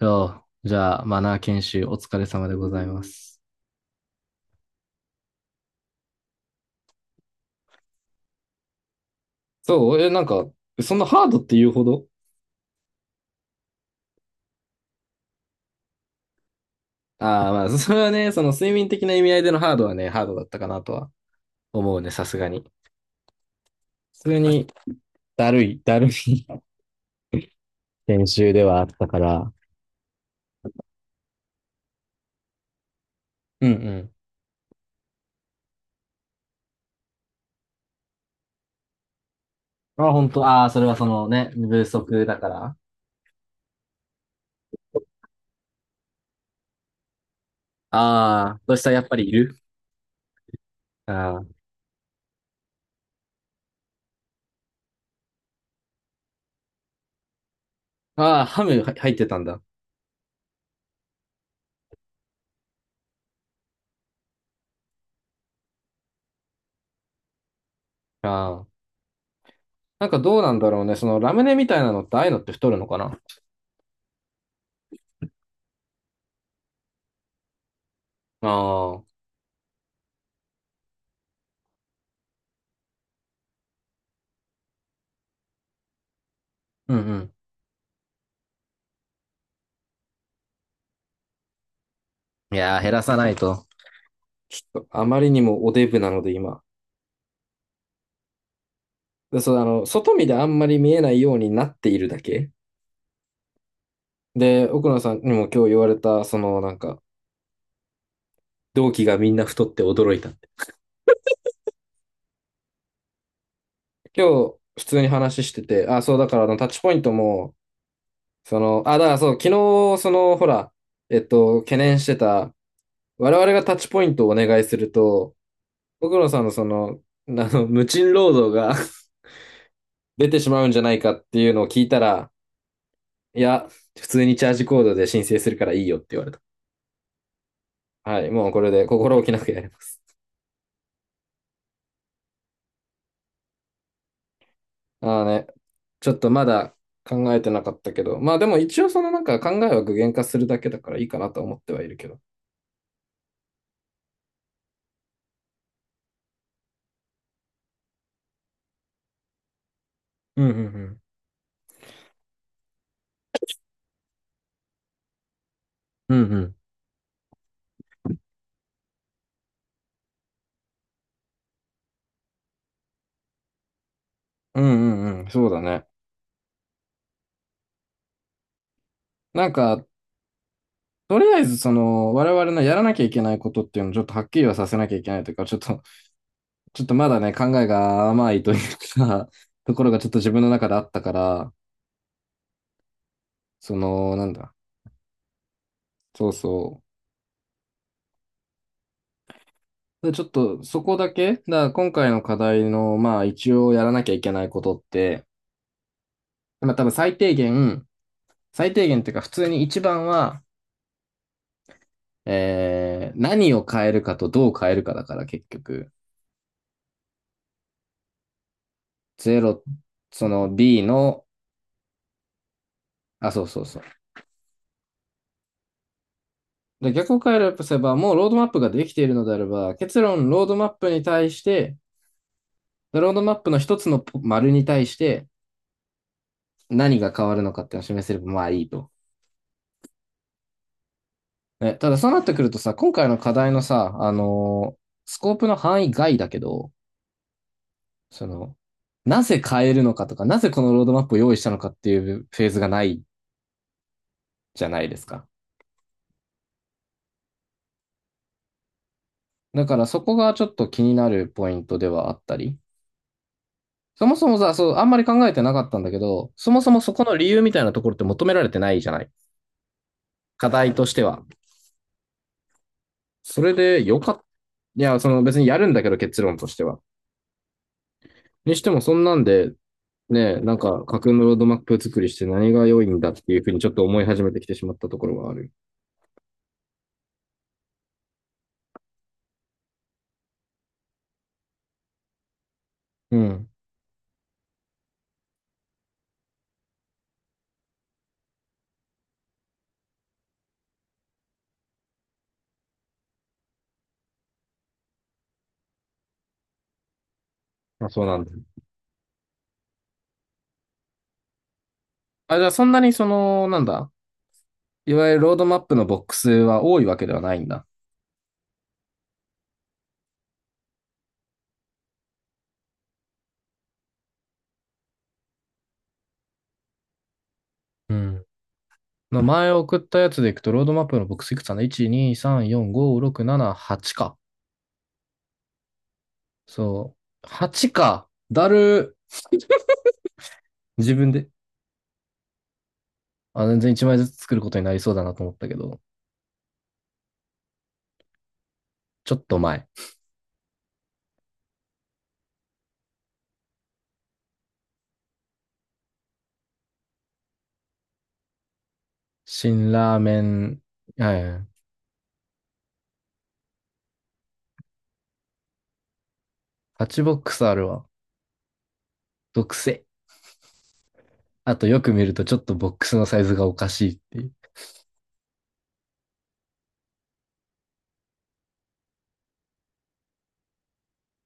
そじゃあ、マナー研修お疲れ様でございます。そう、なんか、そんなハードって言うほど、ああ、まあ、それはね、その睡眠的な意味合いでのハードはね、ハードだったかなとは思うね、さすがに。普通に、だるい、だるい 研修ではあったから。うんうん。あ、本当、ああ、それはそのね、不足だから。ああ、そしたらやっぱりいる。ああ、ああ、ハムは入ってたんだ。ああ。なんかどうなんだろうね、そのラムネみたいなのって、ああいうのって太るのかな。ああ、うんうん。いやー、減らさないと。ちょっとあまりにもおデブなので今。で、そう、あの、外見であんまり見えないようになっているだけ。で、奥野さんにも今日言われた、そのなんか、同期がみんな太って驚いたって。今日、普通に話してて、あ、そう、だからあの、タッチポイントも、その、あ、だからそう、昨日、その、ほら、懸念してた、我々がタッチポイントをお願いすると、奥野さんのその、あの、無賃労働が 出てしまうんじゃないかっていうのを聞いたら、いや、普通にチャージコードで申請するからいいよって言われた。はい、もうこれで心置きなくやります。ああね、ちょっとまだ考えてなかったけど、まあでも一応そのなんか考えは具現化するだけだからいいかなと思ってはいるけど。うんうんうん。うんうん。うんうんうん。そうだね。なんか、とりあえずその我々のやらなきゃいけないことっていうのをちょっとはっきりはさせなきゃいけないというか、ちょっと、ちょっとまだね、考えが甘いというか、ところがちょっと自分の中であったから、その、なんだ、そうそう。でちょっとそこだけ、だから今回の課題の、まあ一応やらなきゃいけないことって、まあ多分最低限、最低限っていうか普通に一番は、何を変えるかとどう変えるかだから結局、0、その B の、あ、そうそうそう。で、逆を変えるとすれば、もうロードマップができているのであれば、結論、ロードマップに対して、ロードマップの一つの丸に対して何が変わるのかっていうのを示せれば、まあいいと。ね、ただそうなってくるとさ、今回の課題のさ、スコープの範囲外だけど、その、なぜ変えるのかとか、なぜこのロードマップを用意したのかっていうフェーズがないじゃないですか。だからそこがちょっと気になるポイントではあったり。そもそもさ、そう、あんまり考えてなかったんだけど、そもそもそこの理由みたいなところって求められてないじゃない。課題としては。それでよかった。いや、その別にやるんだけど結論としては。にしてもそんなんで、ね、なんか架空のロードマップ作りして何が良いんだっていうふうにちょっと思い始めてきてしまったところがある。うん。あ、そうなんだ。あ、じゃあそんなにその、なんだ、いわゆるロードマップのボックスは多いわけではないんだ。うん。まあ前送ったやつでいくと、ロードマップのボックスいくつかな？ 1、2、3、4、5、6、7、8か。そう。8か。だる 自分で。あ、全然1枚ずつ作ることになりそうだなと思ったけど、ちょっと前。辛ラーメン、はいはい、パチボックスあるわ。毒性。あとよく見るとちょっとボックスのサイズがおかしいっていう。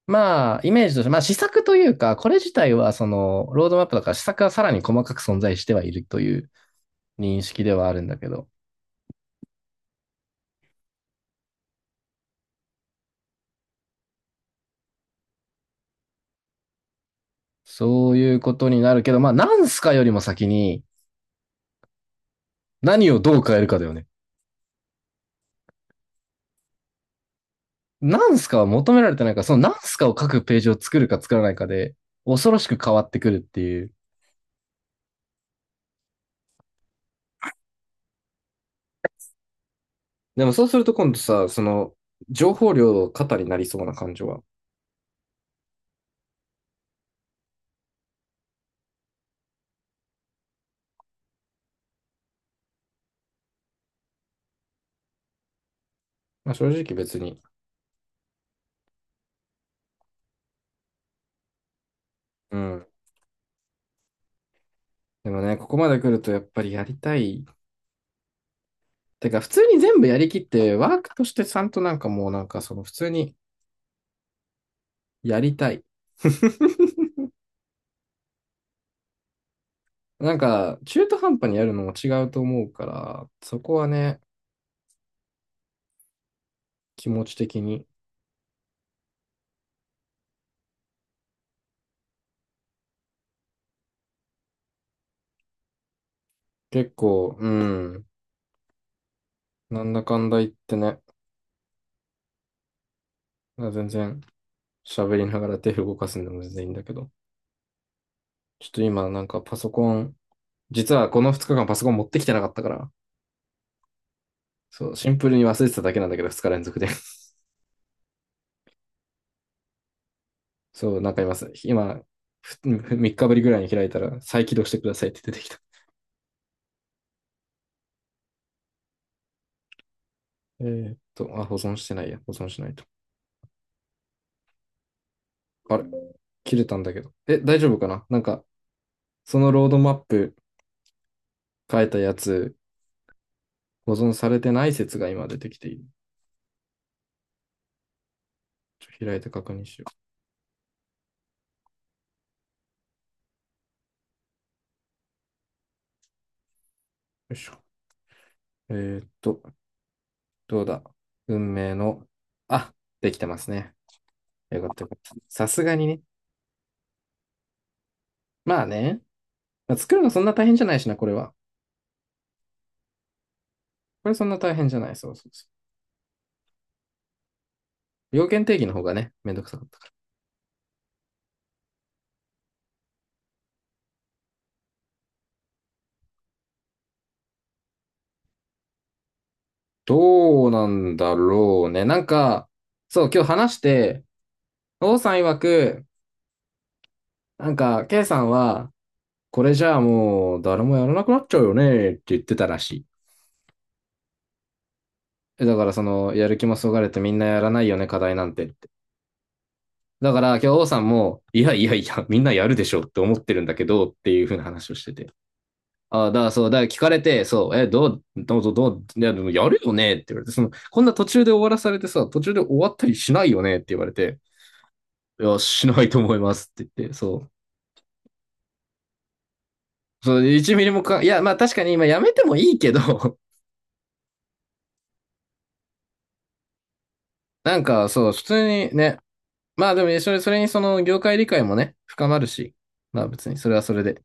まあ、イメージとして、まあ試作というか、これ自体はその、ロードマップだから試作はさらに細かく存在してはいるという認識ではあるんだけど、そういうことになるけど、まあ、なんすかよりも先に何をどう変えるかだよね。ナンすかは求められてないから、そのナンすかを書くページを作るか作らないかで、恐ろしく変わってくるっていう。でもそうすると今度さ、その、情報量過多になりそうな感じは、まあ、正直別に、うん。でもね、ここまで来るとやっぱりやりたい。てか、普通に全部やりきって、ワークとしてちゃんとなんかもうなんかその普通にやりたい。なんか、中途半端にやるのも違うと思うから、そこはね、気持ち的に。結構、うん、なんだかんだ言ってね、全然喋りながら手動かすんでも全然いいんだけど、ちょっと今なんかパソコン、実はこの2日間パソコン持ってきてなかったから、そう、シンプルに忘れてただけなんだけど、2日連続で。そう、なんか今、3 日ぶりぐらいに開いたら、再起動してくださいって出てきた。あ、保存してないや。保存しないと。あれ切れたんだけど。え、大丈夫かななんか、そのロードマップ書いたやつ、保存されてない説が今出てきている。ちょっと開いて確認しよう。よいしょ。えーっと、どうだ運命の、あ、できてますね。よかったよかった。さすがにね。まあね。まあ作るのそんな大変じゃないしな、これは。これそんな大変じゃない。そうそうそう。要件定義の方がね、めんどくさかった。どうなんだろうね。なんか、そう、今日話して、王さん曰く、なんか、K さんは、これじゃあもう、誰もやらなくなっちゃうよね、って言ってたらしい。え、だから、その、やる気もそがれてみんなやらないよね、課題なんてって。だから、今日王さんも、いやいやいや、みんなやるでしょって思ってるんだけど、っていうふうな話をしてて。ああ、だからそう、だから聞かれて、そう、え、どう、どうぞどう、いや、でもやるよねって言われて、その、こんな途中で終わらされてさ、途中で終わったりしないよねって言われて、いや、しないと思いますって言って、そう。そう、1ミリもか、いや、まあ確かに今やめてもいいけど、なんかそう、普通にね、まあでも、それ、それにその業界理解もね、深まるし、まあ別にそれはそれで。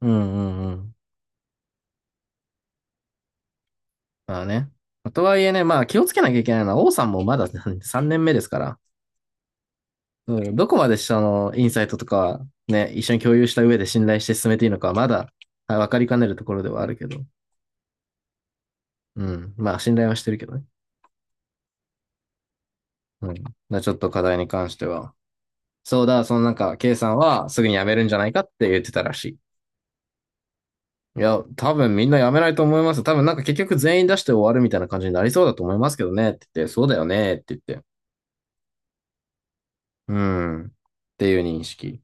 うんうんうん。まあね。とはいえね、まあ気をつけなきゃいけないのは、王さんもまだ3年目ですから、うん、どこまでそのインサイトとかね、一緒に共有した上で信頼して進めていいのかはまだ分かりかねるところではあるけど、うん。まあ信頼はしてるけどね。うん。まあちょっと課題に関しては、そうだ、そのなんか、K さんはすぐに辞めるんじゃないかって言ってたらしい。いや、多分みんな辞めないと思います。多分なんか結局全員出して終わるみたいな感じになりそうだと思いますけどねって言って、そうだよねって言って。うん。っていう認識。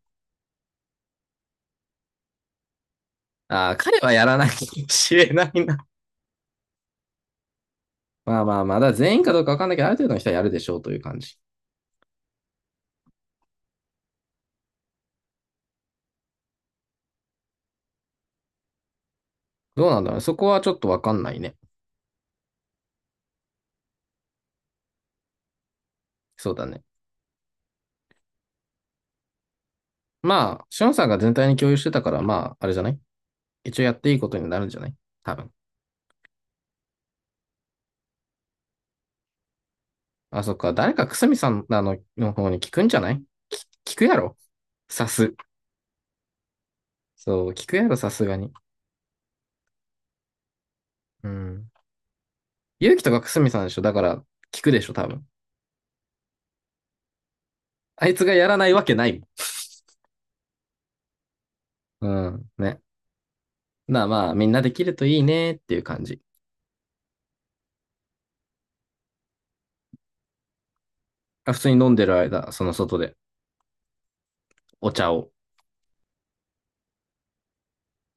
ああ、彼はやらないかもしれないな。まあまあまあ、だから全員かどうかわかんないけど、ある程度の人はやるでしょうという感じ。どうなんだろうね。そこはちょっとわかんないね。そうだね。まあ、シオンさんが全体に共有してたから、まあ、あれじゃない、一応やっていいことになるんじゃない、多分。あ、そっか。誰かくすみさんあのの方に聞くんじゃない、き聞くやろさす。そう、聞くやろ、さすがに。うん。勇気とかくすみさんでしょだから、聞くでしょ、多分。あいつがやらないわけないもん。うん。ね。なあまあ、みんなできるといいねっていう感じ。あ普通に飲んでる間、その外で、お茶を。